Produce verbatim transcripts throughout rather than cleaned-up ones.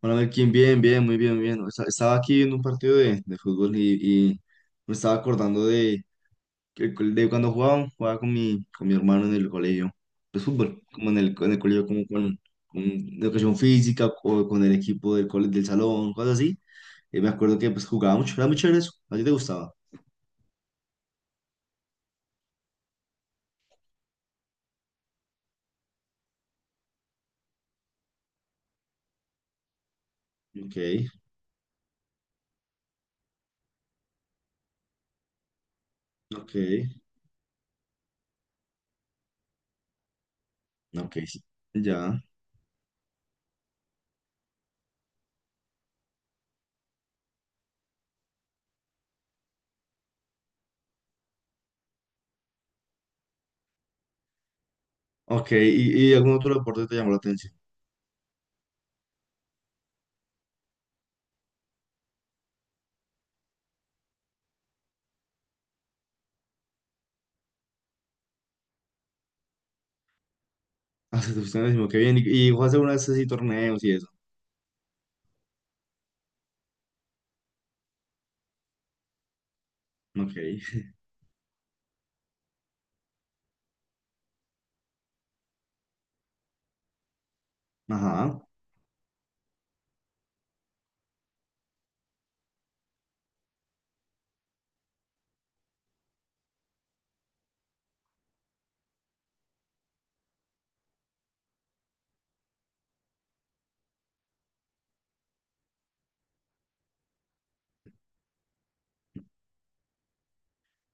Hola Melkin, bien, bien, muy bien, muy bien. Esta- Estaba aquí en un partido de, de fútbol y, y me estaba acordando de, que- de cuando jugaba, jugaba con mi, con mi hermano en el colegio. Pues fútbol, como en el, en el colegio, como con, con educación física o con el equipo del, cole- del salón, cosas así. Y me acuerdo que pues jugaba mucho, era muy chévere eso. ¿A ti te gustaba? Ok, ok, ok, sí. Ya. Ok, ¿y, y algún otro deporte te llamó la atención? Ah, sí, te gustó, qué bien. ¿Y, y jugaste alguna vez así torneos y eso? Ok, ajá.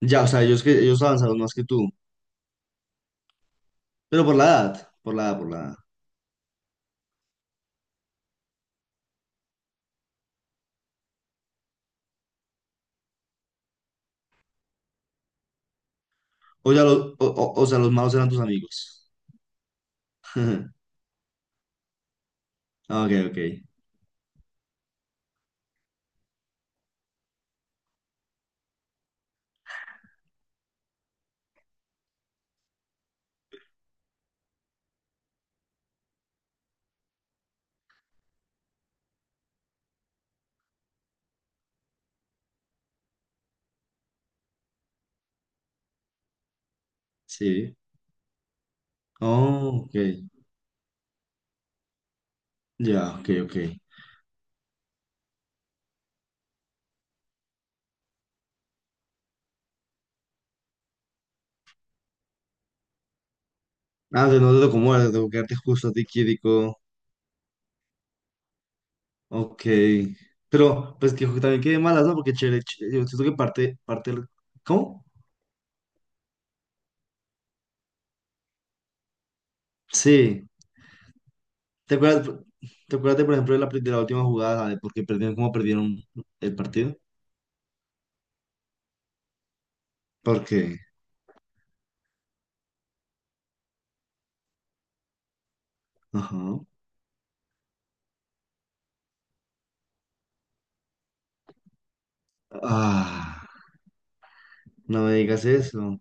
Ya, o sea, ellos que ellos avanzaron más que tú, pero por la edad, por la edad, por la edad. O ya los, o, o- o sea, los malos eran tus amigos. Ah, Ok, ok. Sí. Oh, ok. Ya, ok, ok. Ah, o sea, no te tocó muerte, tengo que quedarte justo a ti, Quirico. Ok. Pero, pues que también quede malas, ¿no? Porque chévere, ch- yo siento que parte, parte. del- ¿Cómo? Sí. ¿Te acuerdas, te acuerdas, de por ejemplo, de la, pri- de la última jugada, de por qué perdieron, cómo perdieron el partido? ¿Por qué? Ajá. Ah. No me digas eso.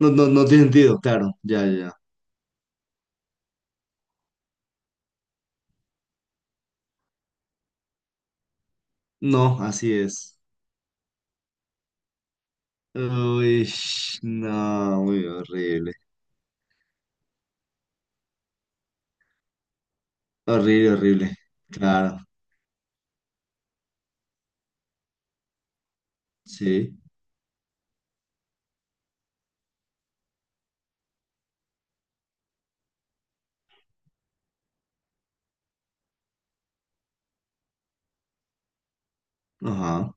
No, no, no tiene sentido, claro, ya, ya. ya. No, así es. Uy, sh- no, muy horrible. Horrible, horrible. Claro, sí. Ajá.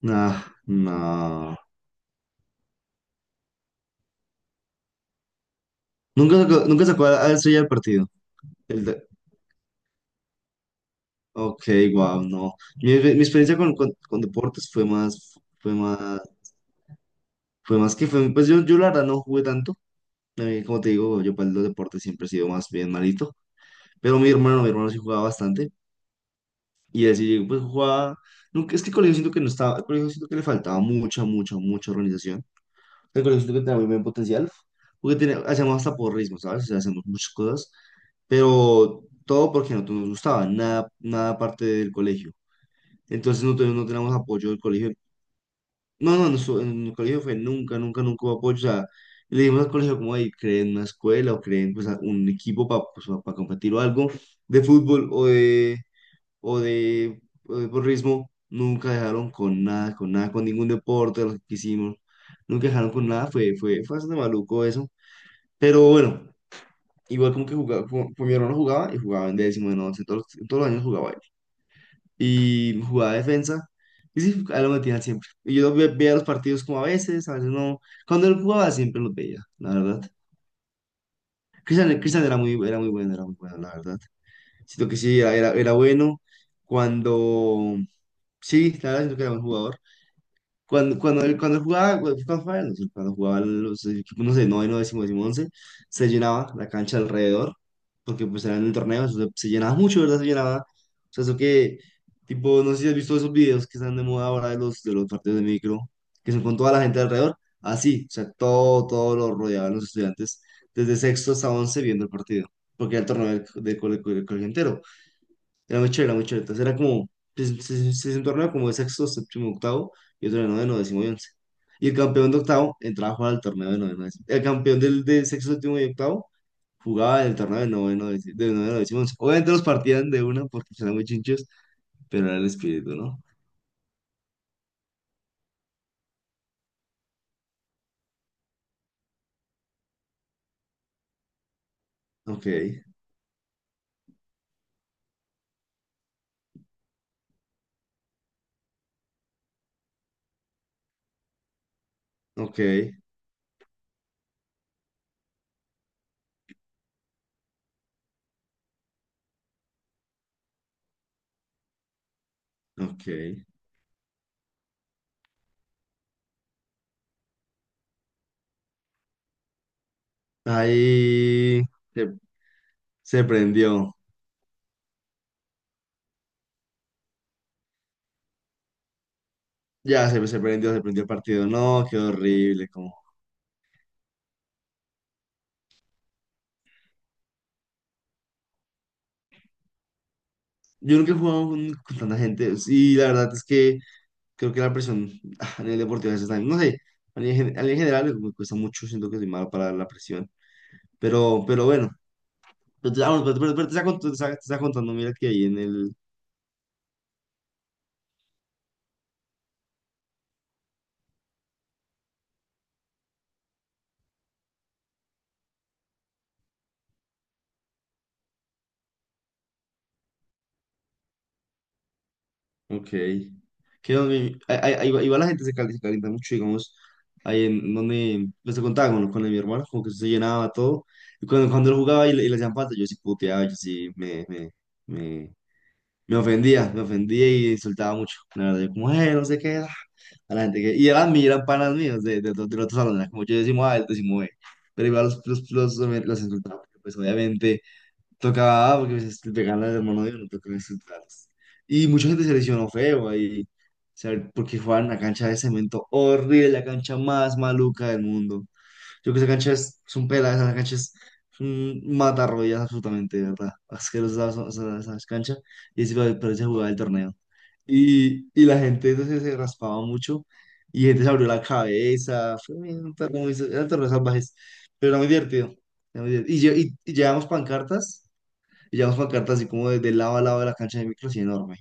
No, no. Nunca sacó, nunca sacó a a eso ya el partido. El de- Ok, wow, no. Mi, mi experiencia con, con- con deportes fue más, fue más, fue más que fue, pues yo, yo la verdad no jugué tanto. A mí, como te digo, yo para los deportes siempre he sido más bien malito. Pero mi hermano, mi hermano sí jugaba bastante. Y así, pues jugaba. Nunca, es que el colegio siento que no estaba. El colegio siento que le faltaba mucha, mucha, mucha organización. El colegio siento que tenía muy buen potencial. Porque tenía, hacíamos hasta porrismo, ¿sabes? O sea, hacíamos muchas cosas. Pero todo porque no nos gustaba. Nada, nada parte del colegio. Entonces no, tuvimos- no teníamos apoyo del colegio. No, no, nuestro- en el colegio fue nunca, nunca, nunca hubo apoyo. O sea, le dimos al colegio como ahí, creen una escuela o creen pues a- un equipo para pues, competir o algo de fútbol o de o de, o de porrismo, nunca dejaron con nada, con nada, con ningún deporte de los que hicimos, nunca dejaron con nada, fue, fue, fue bastante maluco eso, pero bueno, igual como que jugaba, como, pues mi hermano jugaba y jugaba en décimo, en once, todos, los- todos los años jugaba él, y jugaba defensa, y sí, a él lo metían siempre, y yo ve- veía los partidos como a veces, a veces no, cuando él jugaba siempre los veía, la verdad. Cristian, Cristian era muy, era muy bueno, era muy bueno, la verdad. Siento que sí, era, era, era bueno. Cuando. Sí, la verdad, siento que era buen jugador. Cuando, cuando, él, cuando él jugaba, cuando, cuando jugaba, no sé, cuando jugaban los equipos, no sé, noveno, décimo, décimo, once, se llenaba la cancha alrededor, porque pues era en el torneo, eso se, se llenaba mucho, ¿verdad? Se llenaba. O sea, eso que, tipo, no sé si has visto esos videos que están de moda ahora de los, de los partidos de micro, que son con toda la gente alrededor, así, o sea, todo, todo lo rodeaban los estudiantes, desde sexto hasta once viendo el partido, porque era el torneo del, del, cole- cole- colegio entero. Era muy chévere, era muy chévere. Entonces era como, pues, se, se, se torneo como de sexto, séptimo, octavo, y otro de noveno, décimo y once. Y el campeón de octavo entraba a jugar al torneo de noveno, décimo. El campeón del, de sexto, séptimo y octavo jugaba en el torneo de noveno, décimo, de noveno, décimo, once. Obviamente los partían de una porque eran muy chinchos, pero era el espíritu, ¿no? Ok, ok, ok. Ahí se, se prendió. Ya se, se prendió, se prendió el partido. No, qué horrible, como... Yo nunca he jugado con, con tanta gente y la verdad es que creo que la presión ah, a nivel deportivo a veces también, no sé, a nivel, gen- a nivel general me cuesta mucho, siento que soy malo para la presión, pero, pero bueno, pero, te- ah, bueno, pero- pero- pero te está, cont- te está- te está contando, mira que ahí en el, ok, que donde, ahí, ahí- ahí va ahí va la gente se calienta, se calienta mucho, digamos, ahí en donde, pues te contaba con, con mi hermano, como que eso se llenaba todo, y cuando, cuando él jugaba y, le- y le hacían falta, yo sí puteaba, yo sí me, me, me, Me ofendía, me ofendía y insultaba mucho. La verdad, yo como, eh, no sé qué ah", A la gente que. Y eran, mi- eran panas míos de, de, otro- del otro salón, era como yo decimos A, él decimos B. Pero igual los, los, los, los insultaba, porque, pues obviamente tocaba A, porque pues, le pegaban al hermano de uno, tocaba insultarlos. Y mucha gente se lesionó feo ahí, o sea, porque jugaban en una cancha de cemento horrible, la cancha más maluca del mundo. Yo creo que esa cancha es, es un pela, esa cancha es un matarroyas absolutamente, de ¿verdad? Asquerosa esa, esa, esa cancha. Y así pare- parece jugar el torneo. Y, y la gente entonces se raspaba mucho y gente se abrió la cabeza. Fue un torneo muy, eran torneos salvajes, pero era muy divertido. Era muy divertido. Y, lle- y, y llevamos pancartas y llevamos pancartas así como de, de lado a lado de la cancha de micro, así enorme.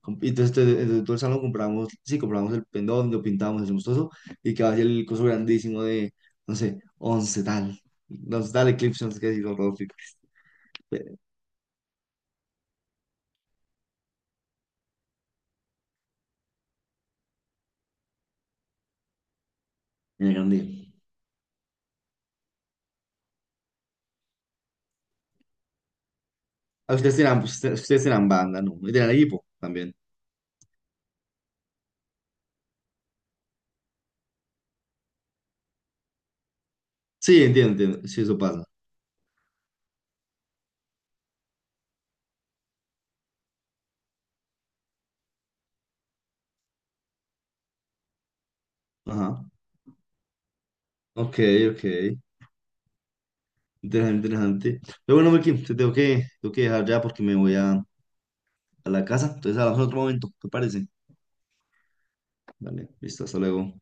Com- Y entonces, te- entonces todo el salón compramos, sí, compramos el pendón, lo pintamos, hacemos todo eso, y quedaba así el coso grandísimo de, no sé, once tal, No, once tal Eclipse, no sé qué, así con todos los picos. Era grande. Ah, Ustedes tenían, pues, ustedes ustedes tenían banda, ¿no? Y tenían equipo también. Sí, entiendo, entiendo, sí, eso pasa. Ajá. Ok, ok. Interesante, interesante. Pero bueno, Melqui, te tengo que, tengo que dejar ya porque me voy a, a la casa. Entonces hablamos en otro momento, ¿te parece? Dale, listo, hasta luego.